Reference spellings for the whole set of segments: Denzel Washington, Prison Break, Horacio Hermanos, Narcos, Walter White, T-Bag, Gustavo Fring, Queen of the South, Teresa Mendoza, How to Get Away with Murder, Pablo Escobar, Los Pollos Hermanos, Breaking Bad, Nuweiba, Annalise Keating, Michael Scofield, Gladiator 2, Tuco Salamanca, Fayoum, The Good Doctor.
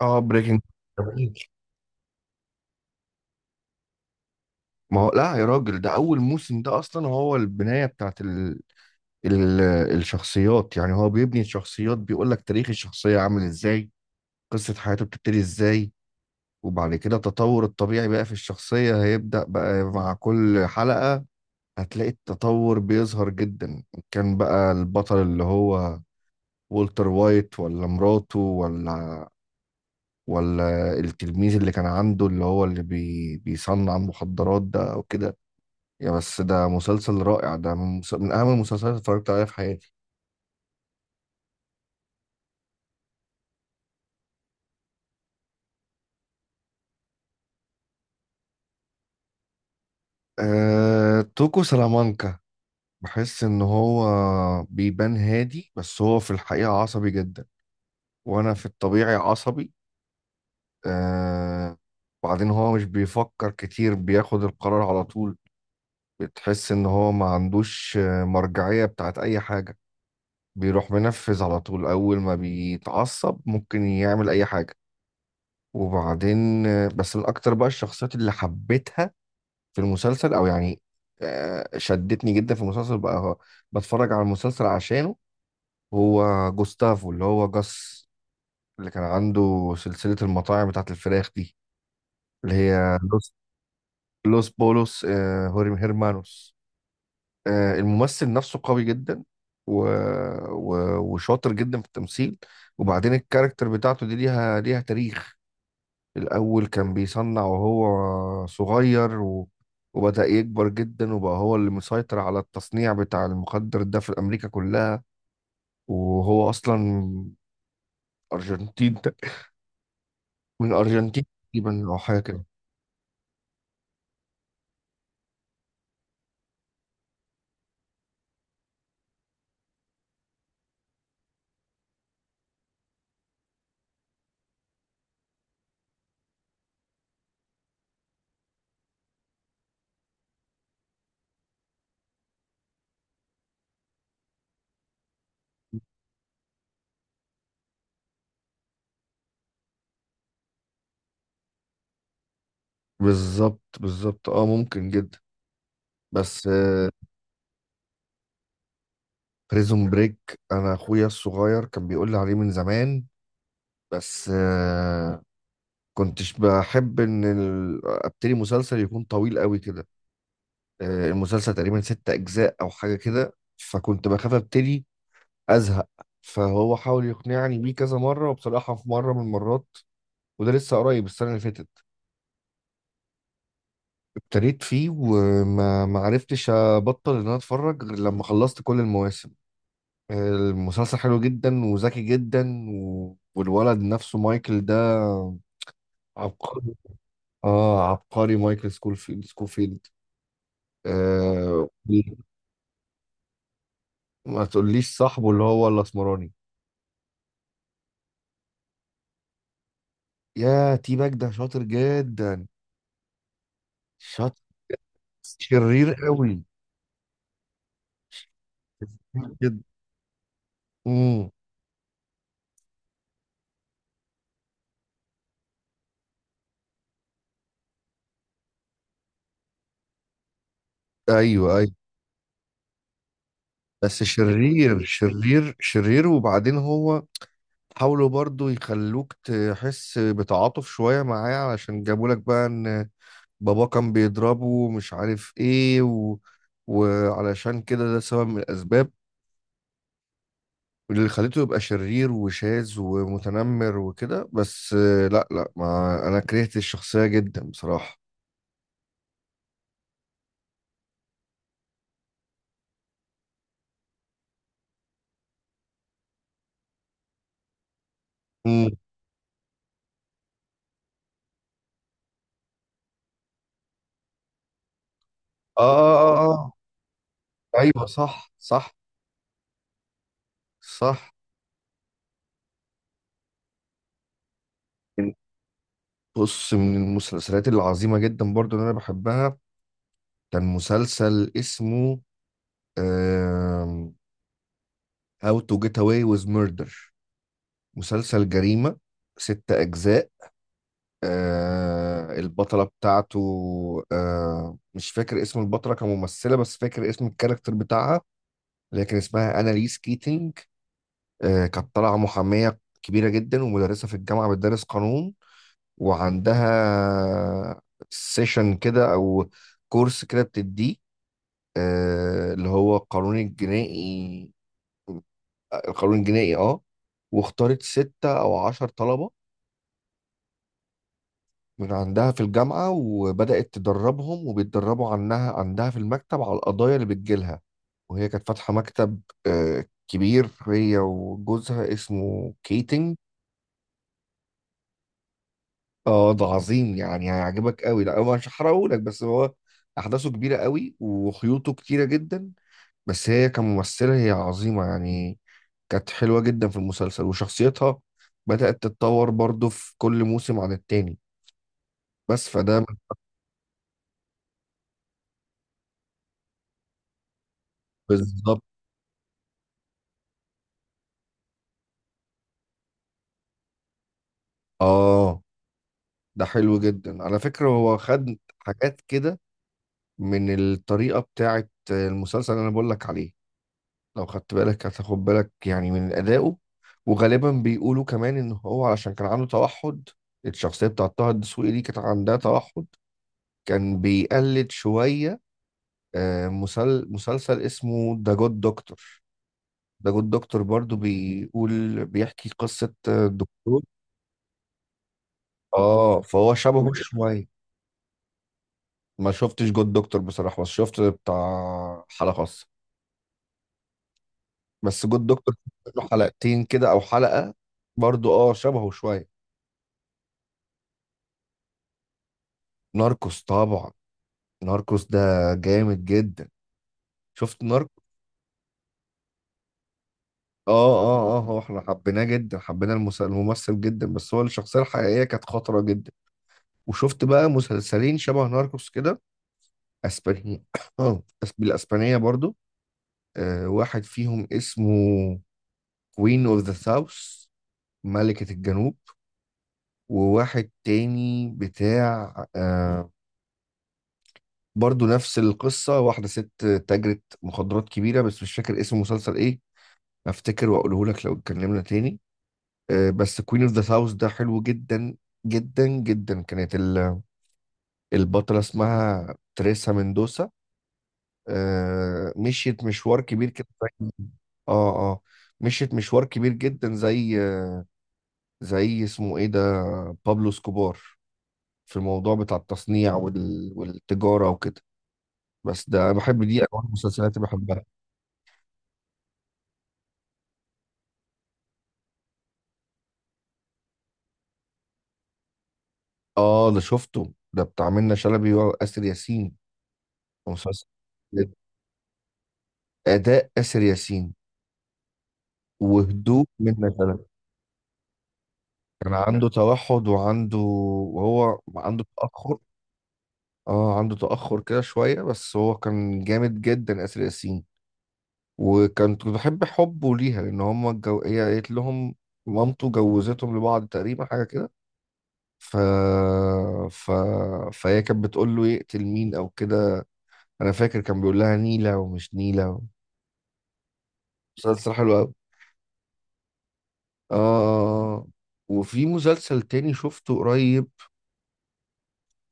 اه بريكنج. ما هو لا يا راجل، ده اول موسم، ده اصلا هو البنايه بتاعت ال... الشخصيات يعني هو بيبني الشخصيات، بيقول لك تاريخ الشخصيه عامل ازاي، قصه حياته بتبتدي ازاي. وبعد كده التطور الطبيعي بقى في الشخصيه هيبدا بقى مع كل حلقه، هتلاقي التطور بيظهر جدا. كان بقى البطل اللي هو والتر وايت ولا مراته ولا التلميذ اللي كان عنده اللي هو اللي بيصنع المخدرات ده او كده. يا بس ده مسلسل رائع، ده من أهم المسلسلات اللي اتفرجت عليها في حياتي. توكو سلامانكا، بحس إن هو بيبان هادي بس هو في الحقيقة عصبي جدا، وأنا في الطبيعي عصبي. أه... وبعدين هو مش بيفكر كتير، بياخد القرار على طول. بتحس إن هو ما عندوش، مرجعية بتاعت أي حاجة. بيروح منفذ على طول، أول ما بيتعصب ممكن يعمل أي حاجة. وبعدين بس من أكتر بقى الشخصيات اللي حبيتها في المسلسل او يعني شدتني جدا في المسلسل بقى، هو بتفرج على المسلسل عشانه، هو جوستافو اللي هو جاس، اللي كان عنده سلسلة المطاعم بتاعت الفراخ دي، اللي هي لوس بولوس، هوريم هيرمانوس. الممثل نفسه قوي جدا و... وشاطر جدا في التمثيل. وبعدين الكاركتر بتاعته دي ليها تاريخ. الأول كان بيصنع وهو صغير وبدأ يكبر جدا وبقى هو اللي مسيطر على التصنيع بتاع المخدر ده في أمريكا كلها. وهو أصلا أرجنتين تق- من الأرجنتين تقريبا أو حاجة كده. بالظبط بالظبط، اه ممكن جدا بس. بريزون بريك، أنا أخويا الصغير كان بيقول لي عليه من زمان بس، كنتش بحب إن أبتدي مسلسل يكون طويل قوي كده. المسلسل تقريبا ست أجزاء أو حاجة كده، فكنت بخاف أبتدي أزهق. فهو حاول يقنعني بيه كذا مرة، وبصراحة في مرة من المرات، وده لسه قريب السنة اللي فاتت، ابتديت فيه وما ما عرفتش أبطل إن أنا أتفرج غير لما خلصت كل المواسم. المسلسل حلو جدا وذكي جدا والولد نفسه مايكل ده عبقري. اه عبقري، مايكل سكوفيلد. آه. ما تقوليش صاحبه اللي هو الاسمراني؟ يا تي باك ده شاطر جدا، شاطر، شرير قوي جدا. امم ايوه ايوه، بس شرير شرير شرير. وبعدين هو حاولوا برضو يخلوك تحس بتعاطف شوية معاه، علشان جابوا لك بقى ان بابا كان بيضربه ومش عارف ايه وعلشان كده، ده سبب من الاسباب اللي خليته يبقى شرير وشاذ ومتنمر وكده، بس لا لا، ما انا كرهت الشخصية جدا بصراحة. آه آه آه آه. أيوه صح صح صح. بص، من المسلسلات العظيمة جدا برضو اللي أنا بحبها كان مسلسل اسمه آم، How to Get Away with Murder. مسلسل جريمة، ست أجزاء. البطلة بتاعته مش فاكر اسم البطلة كممثلة، بس فاكر اسم الكاركتر بتاعها اللي هي كان اسمها أناليس كيتينج. كانت طالعة محامية كبيرة جدا ومدرسة في الجامعة بتدرس قانون، وعندها سيشن كده او كورس كده بتديه اللي هو القانون الجنائي. القانون الجنائي اه. واختارت ستة او عشر طلبة من عندها في الجامعة، وبدأت تدربهم وبيتدربوا عنها عندها في المكتب على القضايا اللي بتجيلها. وهي كانت فاتحة مكتب كبير، هي وجوزها اسمه كيتنج. اه ده عظيم، يعني هيعجبك قوي، لا هو مش هحرقهولك، بس هو احداثه كبيره قوي وخيوطه كتيره جدا. بس هي كممثله هي عظيمه يعني، كانت حلوه جدا في المسلسل، وشخصيتها بدات تتطور برضو في كل موسم عن التاني. بس بالظبط. اه ده حلو جدا على فكره، هو خد حاجات كده من الطريقه بتاعه المسلسل اللي انا بقول لك عليه. لو خدت بالك هتاخد بالك يعني من أدائه. وغالبا بيقولوا كمان إن هو علشان كان عنده توحد، الشخصية بتاعت طه الدسوقي دي كانت عندها توحد، كان بيقلد شوية مسلسل اسمه ذا جود دكتور. ذا جود دكتور برضو بيقول، بيحكي قصة دكتور، اه فهو شبهه شوية. ما شفتش جود دكتور بصراحة، بس شفت بتاع حلقة خاصة. بس جود دكتور له حلقتين كده أو حلقة، برضو اه شبهه شوية. ناركوس طبعا، ناركوس ده جامد جدا. شفت ناركو؟ اه اه اه، هو احنا حبيناه جدا، حبينا الممثل جدا، بس هو الشخصية الحقيقية كانت خطرة جدا. وشفت بقى مسلسلين شبه ناركوس كده، اسبانية. اه، بالاسبانية برضو. آه، واحد فيهم اسمه كوين اوف ذا ساوث، ملكة الجنوب. وواحد تاني بتاع آه، برضو نفس القصة، واحدة ست تاجرة مخدرات كبيرة، بس مش فاكر اسم المسلسل ايه، افتكر واقوله لك لو اتكلمنا تاني. بس كوين اوف ذا ساوث ده حلو جدا، جدا جدا. كانت البطلة اسمها تريسا مندوسا. مشيت مشوار كبير كده زي، اه اه، مشيت مشوار كبير جدا زي اسمه ايه ده، بابلو اسكوبار، في الموضوع بتاع التصنيع والتجارة وكده. بس ده أنا بحب دي انواع المسلسلات اللي بحبها. اه ده شفته ده، بتاع منة شلبي وآسر ياسين، مسلسل. أداء آسر ياسين وهدوء منة شلبي. كان عنده توحد، وهو عنده تأخر. اه عنده تأخر كده شوية، بس هو كان جامد جدا آسر ياسين. وكنت بحب حبه ليها، لأن هما هي قالت لهم، مامته جوزتهم لبعض تقريبا حاجة كده، ف... ف... فهي كانت بتقول له يقتل مين أو كده. أنا فاكر كان بيقول لها نيلة ومش نيلة. مسلسل حلو أوي. آه آه، آه. آه. وفي مسلسل تاني شفته قريب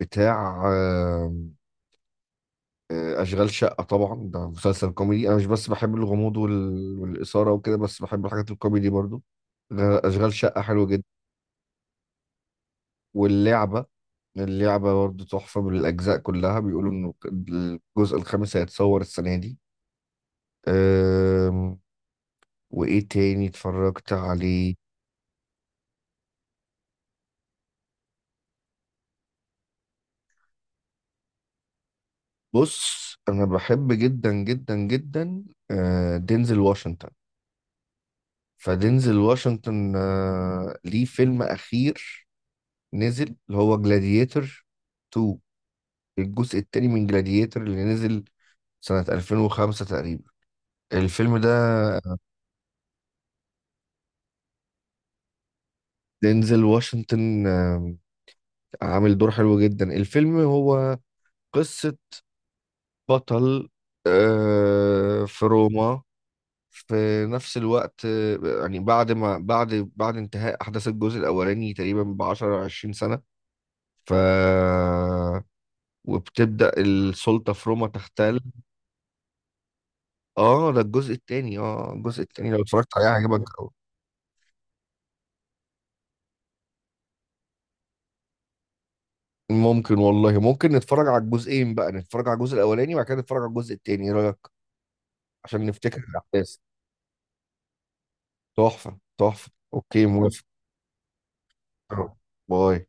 بتاع أشغال شقة. طبعا ده مسلسل كوميدي، أنا مش بس بحب الغموض والإثارة وكده، بس بحب الحاجات الكوميدي برضو. أشغال شقة حلوة جدا. واللعبة، اللعبة برضو تحفة بالأجزاء كلها. بيقولوا إنه الجزء الخامس هيتصور السنة دي. أم... وإيه تاني اتفرجت عليه؟ بص أنا بحب جدا جدا جدا دينزل واشنطن. فدينزل واشنطن ليه فيلم أخير نزل اللي هو جلاديتر 2، الجزء التاني من جلاديتر اللي نزل سنة 2005 تقريبا الفيلم ده. دينزل واشنطن عامل دور حلو جدا. الفيلم هو قصة بطل في روما، في نفس الوقت يعني بعد ما بعد انتهاء أحداث الجزء الأولاني تقريبا بعشرة عشرين سنة. ف وبتبدأ السلطة في روما تحتل. اه ده الجزء التاني، اه الجزء التاني لو اتفرجت عليه هيعجبك أوي. ممكن والله ممكن، نتفرج على الجزئين بقى، نتفرج على الجزء الاولاني وبعد كده نتفرج على الجزء التاني، ايه رايك؟ عشان نفتكر الاحداث. تحفه تحفه، اوكي موافق. آه. باي.